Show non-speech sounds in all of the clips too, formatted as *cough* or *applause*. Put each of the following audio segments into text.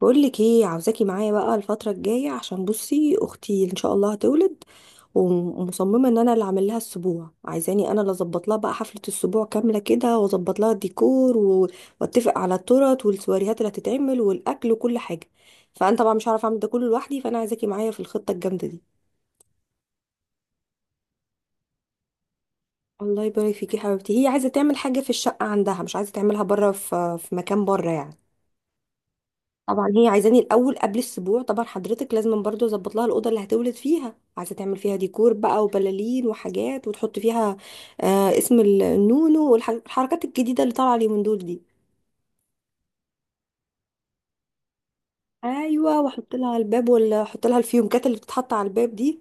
بقولك ايه؟ عاوزاكي معايا بقى الفترة الجاية عشان بصي اختي ان شاء الله هتولد، ومصممة ان انا اللي اعمل لها السبوع. عايزاني انا اللي اظبط لها بقى حفلة السبوع كاملة كده، واظبط لها الديكور واتفق على التورت والسواريهات اللي هتتعمل والاكل وكل حاجة. فانا طبعا مش هعرف اعمل ده كله لوحدي، فانا عايزاكي معايا في الخطة الجامدة دي. الله يبارك فيكي يا حبيبتي. هي عايزة تعمل حاجة في الشقة عندها، مش عايزة تعملها بره، في مكان بره يعني. طبعا هي عايزاني الاول قبل السبوع، طبعا حضرتك، لازم برضو اظبط لها الاوضه اللي هتولد فيها. عايزه تعمل فيها ديكور بقى وبلالين وحاجات، وتحط فيها آه اسم النونو والحركات الجديده اللي طالعه اليومين دول دي. ايوه، واحط لها الباب، ولا احط لها الفيونكات اللي بتتحط على الباب دي.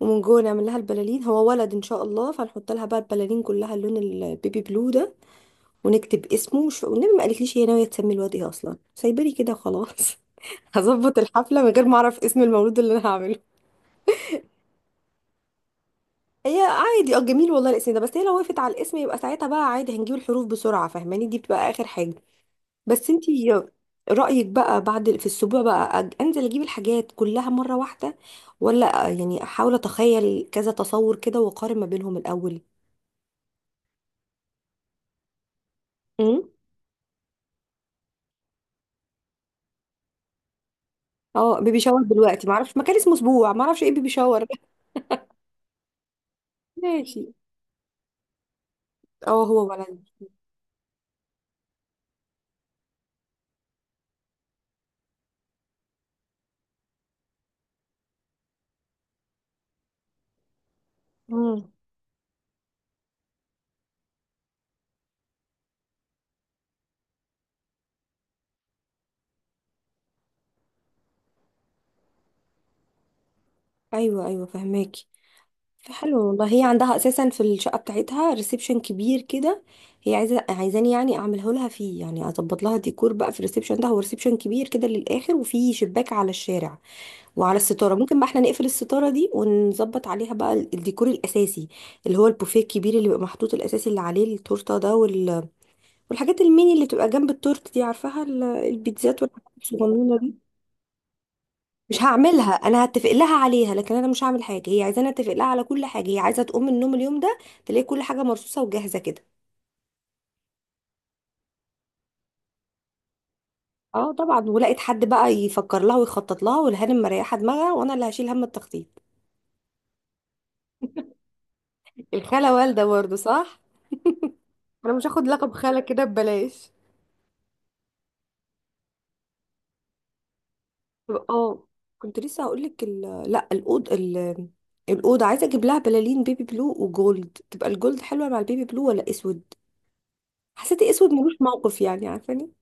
ومن جوه نعمل لها البلالين، هو ولد ان شاء الله، فنحط لها بقى البلالين كلها اللون البيبي بلو ده، ونكتب اسمه والنبي ما قالتليش هي ناويه تسمي الواد ايه اصلا، سايبالي كده خلاص. *laughs* هظبط الحفله من غير ما اعرف اسم المولود اللي انا هعمله. هي عادي، اه جميل والله الاسم ده، بس هي لو وقفت على الاسم يبقى ساعتها بقى عادي، هنجيب الحروف بسرعة، فاهماني؟ دي بتبقى آخر حاجة. بس انتي رأيك بقى بعد في الأسبوع بقى، انزل اجيب الحاجات كلها مرة واحدة، ولا يعني احاول اتخيل كذا تصور كده واقارن ما بينهم الأول؟ امم اه، بيبي شاور دلوقتي؟ معرفش مكان اسمه اسبوع، معرفش ايه بيبي شاور. *laughs* ماشي. اه هو ولد. امم ايوه ايوه، فهماكي. حلو والله. هي عندها اساسا في الشقه بتاعتها ريسبشن كبير كده. هي عايزاني يعني اعمله لها فيه، يعني اظبط لها ديكور بقى في الريسبشن ده، هو ريسبشن كبير كده للاخر وفيه شباك على الشارع، وعلى الستاره ممكن بقى احنا نقفل الستاره دي ونظبط عليها بقى الديكور الاساسي، اللي هو البوفيه الكبير اللي بيبقى محطوط الاساسي اللي عليه التورته ده، والحاجات الميني اللي تبقى جنب التورت دي، عارفاها؟ البيتزات والحاجات الصغنونه دي. مش هعملها انا، هتفق لها عليها، لكن انا مش هعمل حاجه. هي عايزاني اتفق لها على كل حاجه، هي عايزه تقوم من النوم اليوم ده تلاقي كل حاجه مرصوصه وجاهزه كده. اه طبعا، ولقيت حد بقى يفكر لها ويخطط لها، والهانم مريحه دماغها، وانا اللي هشيل هم التخطيط. الخاله والده برضه، صح؟ انا مش هاخد لقب خاله كده ببلاش. اه، كنت لسه هقول لك لا الاوضه عايزه اجيب لها بلالين بيبي بلو وجولد. تبقى الجولد حلوه مع البيبي بلو ولا اسود؟ حسيت اسود ملوش موقف يعني، عارفاني.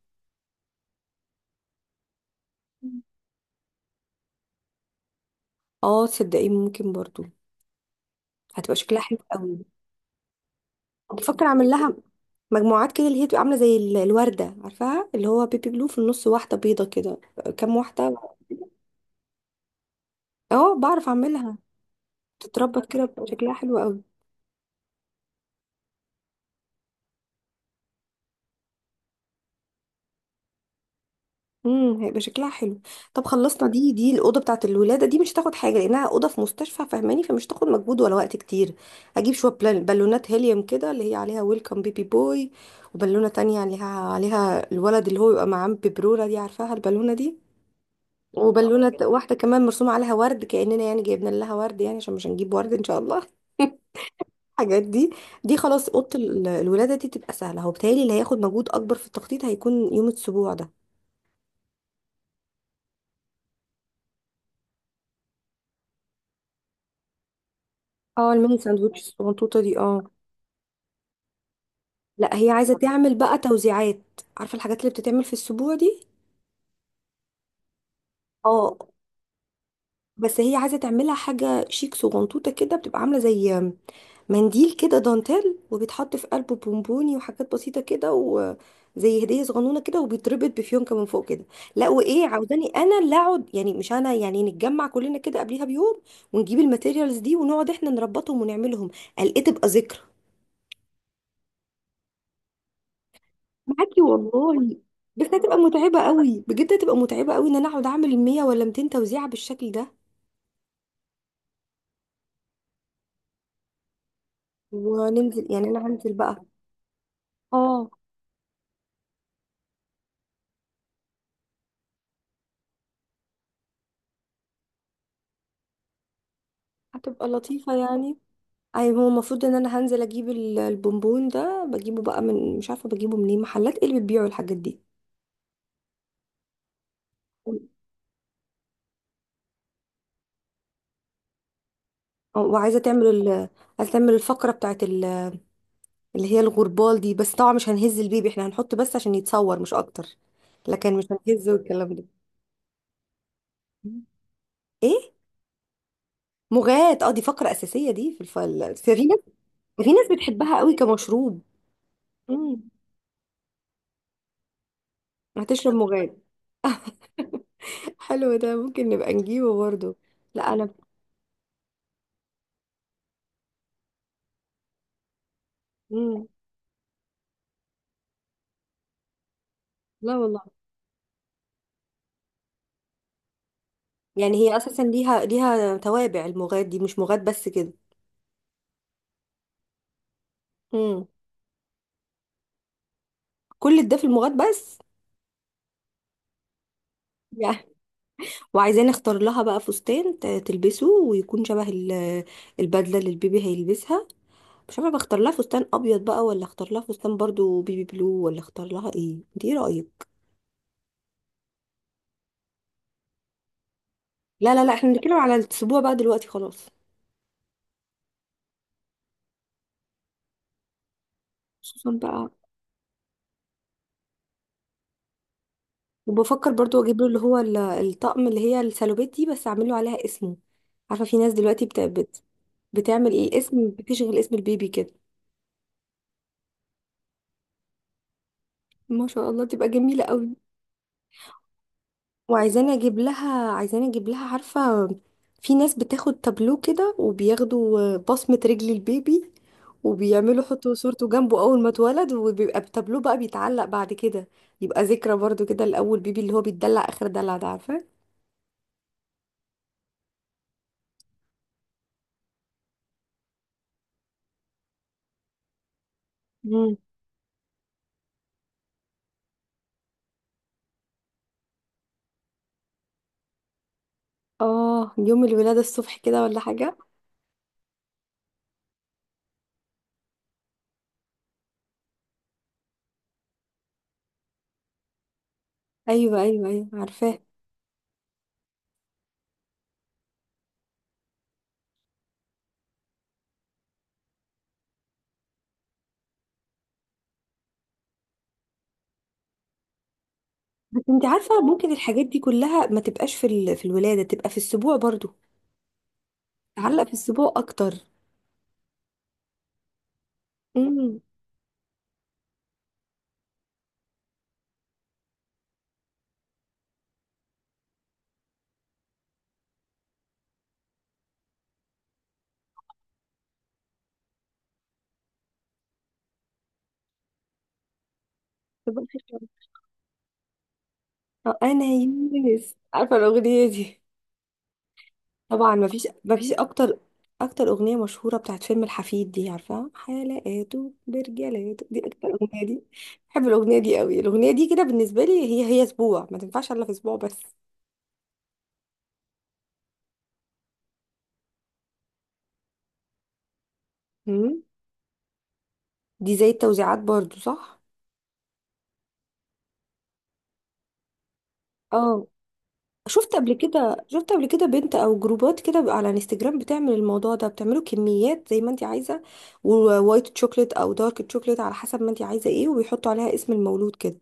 اه تصدقي ممكن برضو، هتبقى شكلها حلو قوي. بفكر اعمل لها مجموعات كده، اللي هي بتبقى عامله زي الورده، عارفاها؟ اللي هو بيبي بلو في النص، واحده بيضه كده، كام واحده. اه بعرف اعملها. تتربط كده بيبقى شكلها حلو قوي. هيبقى شكلها حلو. طب خلصنا. دي الاوضه بتاعت الولاده دي مش هتاخد حاجه، لانها اوضه في مستشفى، فاهماني؟ فمش هتاخد مجهود ولا وقت كتير. اجيب شويه بالونات هيليوم كده اللي هي عليها ويلكم بيبي بوي، وبالونه تانية عليها الولد اللي هو يبقى معاه بيبروره دي، عارفاها البالونه دي؟ واحدة كمان مرسومة عليها ورد، كأننا يعني جايبنا لها ورد يعني، عشان مش هنجيب ورد إن شاء الله. *laughs* الحاجات دي، دي خلاص أوضة الولادة دي تبقى سهلة. هو بتهيألي اللي هياخد مجهود أكبر في التخطيط هيكون يوم السبوع ده. اه الميني ساندوتش الصغنطوطة دي، اه. لا هي عايزة تعمل بقى توزيعات، عارفة الحاجات اللي بتتعمل في السبوع دي؟ اه، بس هي عايزه تعملها حاجه شيك صغنطوطه كده، بتبقى عامله زي منديل كده دانتيل، وبيتحط في قلبه بونبوني وحاجات بسيطه كده، وزي هديه صغنونه كده، وبيتربط بفيونكه من فوق كده. لا وايه، عاوزاني انا اللي اقعد؟ يعني مش انا، يعني نتجمع كلنا كده قبليها بيوم ونجيب الماتيريالز دي ونقعد احنا نربطهم ونعملهم، قال ايه تبقى ذكرى. معاكي والله. بس هتبقى متعبه قوي بجد، هتبقى متعبه قوي ان انا اقعد اعمل 100 ولا 200 توزيعه بالشكل ده. وننزل يعني، انا هنزل بقى. اه هتبقى لطيفة يعني. اي، هو المفروض ان انا هنزل اجيب البونبون ده، بجيبه بقى من، مش عارفة بجيبه منين. محلات ايه اللي بتبيعوا الحاجات دي؟ أو- وعايزة عايزة تعمل الفقرة بتاعت اللي هي الغربال دي. بس طبعا مش هنهز البيبي، احنا هنحط بس عشان يتصور مش اكتر، لكن مش هنهز والكلام ده. ايه؟ مغات؟ اه دي فقرة اساسية دي، في الفل، في ناس، في ناس بتحبها قوي كمشروب. امم، هتشرب مغات. *laughs* حلو ده، ممكن نبقى نجيبه برضه. لا انا. مم. لا والله. يعني هي اساسا ليها توابع، المغاد دي مش مغاد بس كده. امم، كل ده في المغاد بس. يعني وعايزين نختار لها بقى فستان تلبسه، ويكون شبه البدله اللي البيبي هيلبسها. مش عارفه بختار لها فستان ابيض بقى، ولا اختار لها فستان برضو بيبي بلو، ولا اختار لها ايه، انت ايه رايك؟ لا لا لا، احنا بنتكلم على الاسبوع بقى دلوقتي خلاص. خصوصا بقى. وبفكر برضو اجيب له اللي هو الطقم اللي هي السالوبيت دي، بس اعمل له عليها اسمه. عارفه في ناس دلوقتي بتعمل ايه، الاسم، بتشغل اسم البيبي كده. ما شاء الله تبقى جميله قوي. وعايزاني اجيب لها، عايزاني اجيب لها، عارفه في ناس بتاخد تابلو كده وبياخدوا بصمه رجل البيبي، وبيعملوا يحطوا صورته جنبه اول ما اتولد، وبيبقى التابلو بقى بيتعلق بعد كده. يبقى ذكرى برضو كده لاول بيبي، اللي هو بيتدلع اخر دلع ده عارفه. مم. اه يوم الولادة الصبح كده ولا حاجة. ايوه ايوه ايوه، عارفاه. بس انت عارفه ممكن الحاجات دي كلها ما تبقاش في في الولاده، تبقى في السبوع برضو، تعلق في السبوع اكتر. امم، تبقى في الشهر. آه، انا يونس، عارفه الاغنيه دي. طبعا، ما فيش، ما فيش اكتر اكتر اغنيه مشهوره بتاعت فيلم الحفيد دي، عارفه حلقاته برجالاته دي، اكتر اغنيه دي. بحب الاغنيه دي قوي. الاغنيه دي كده بالنسبه لي هي هي اسبوع، ما تنفعش الا في اسبوع بس. امم، دي زي التوزيعات برضو، صح؟ اه شفت قبل كده، شفت قبل كده بنت او جروبات كده بقى على انستجرام بتعمل الموضوع ده، بتعمله كميات زي ما انت عايزه، ووايت تشوكلت او دارك تشوكلت على حسب ما انت عايزه ايه، وبيحطوا عليها اسم المولود كده.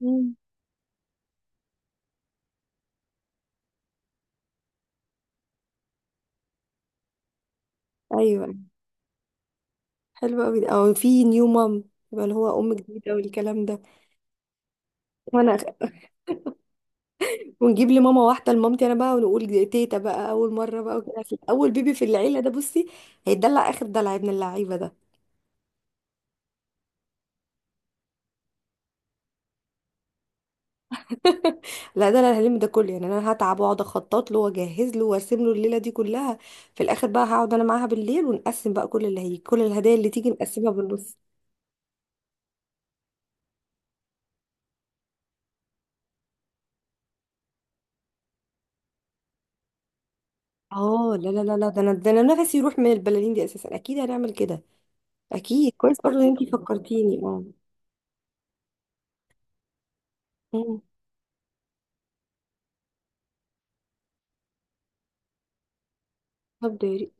مم. ايوه حلو قوي ده. او في نيو مام، يبقى اللي هو ام جديده والكلام ده. وانا ونجيب لي ماما واحده لمامتي انا بقى، ونقول تيتا بقى اول مره بقى وكده عشان اول بيبي في العيله ده، بصي. هيدلع اخر دلع ابن اللعيبه ده. لا ده انا هلم ده كله، يعني انا هتعب واقعد اخطط له واجهز له وارسم له الليله دي كلها. في الاخر بقى هقعد انا معاها بالليل، ونقسم بقى كل اللي هي كل الهدايا اللي تيجي نقسمها بالنص. اه لا لا لا لا، ده انا نفسي يروح من البلالين دي اساسا، اكيد هنعمل كده. اكيد كويس برضه ان انتي فكرتيني، اه. مم. طب ده يا ريت.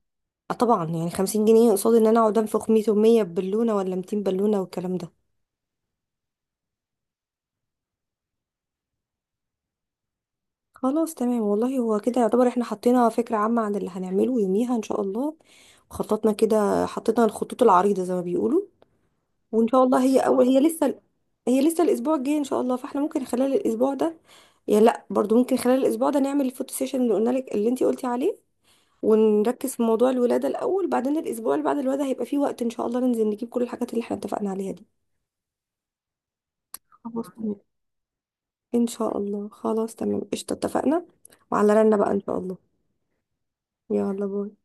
آه طبعا، يعني 50 جنيه قصاد ان انا اقعد انفخ 100 و100 بالونه ولا 200 بالونه والكلام ده. خلاص تمام والله. هو كده يعتبر احنا حطينا فكرة عامة عن اللي هنعمله يوميها ان شاء الله، وخططنا كده، حطينا الخطوط العريضة زي ما بيقولوا. وان شاء الله هي اول، هي لسه الاسبوع الجاي ان شاء الله، فاحنا ممكن خلال الاسبوع ده، يعني لا برضو ممكن خلال الاسبوع ده نعمل الفوتو سيشن اللي قلنا لك، اللي انتي قلتي عليه، ونركز في موضوع الولادة الاول، بعدين الاسبوع اللي بعد الولادة هيبقى فيه وقت ان شاء الله ننزل نجيب كل الحاجات اللي احنا اتفقنا عليها دي. خلاص تمام ان شاء الله. خلاص تمام، قشطة، اتفقنا. وعلى رنا بقى ان شاء الله. يلا باي.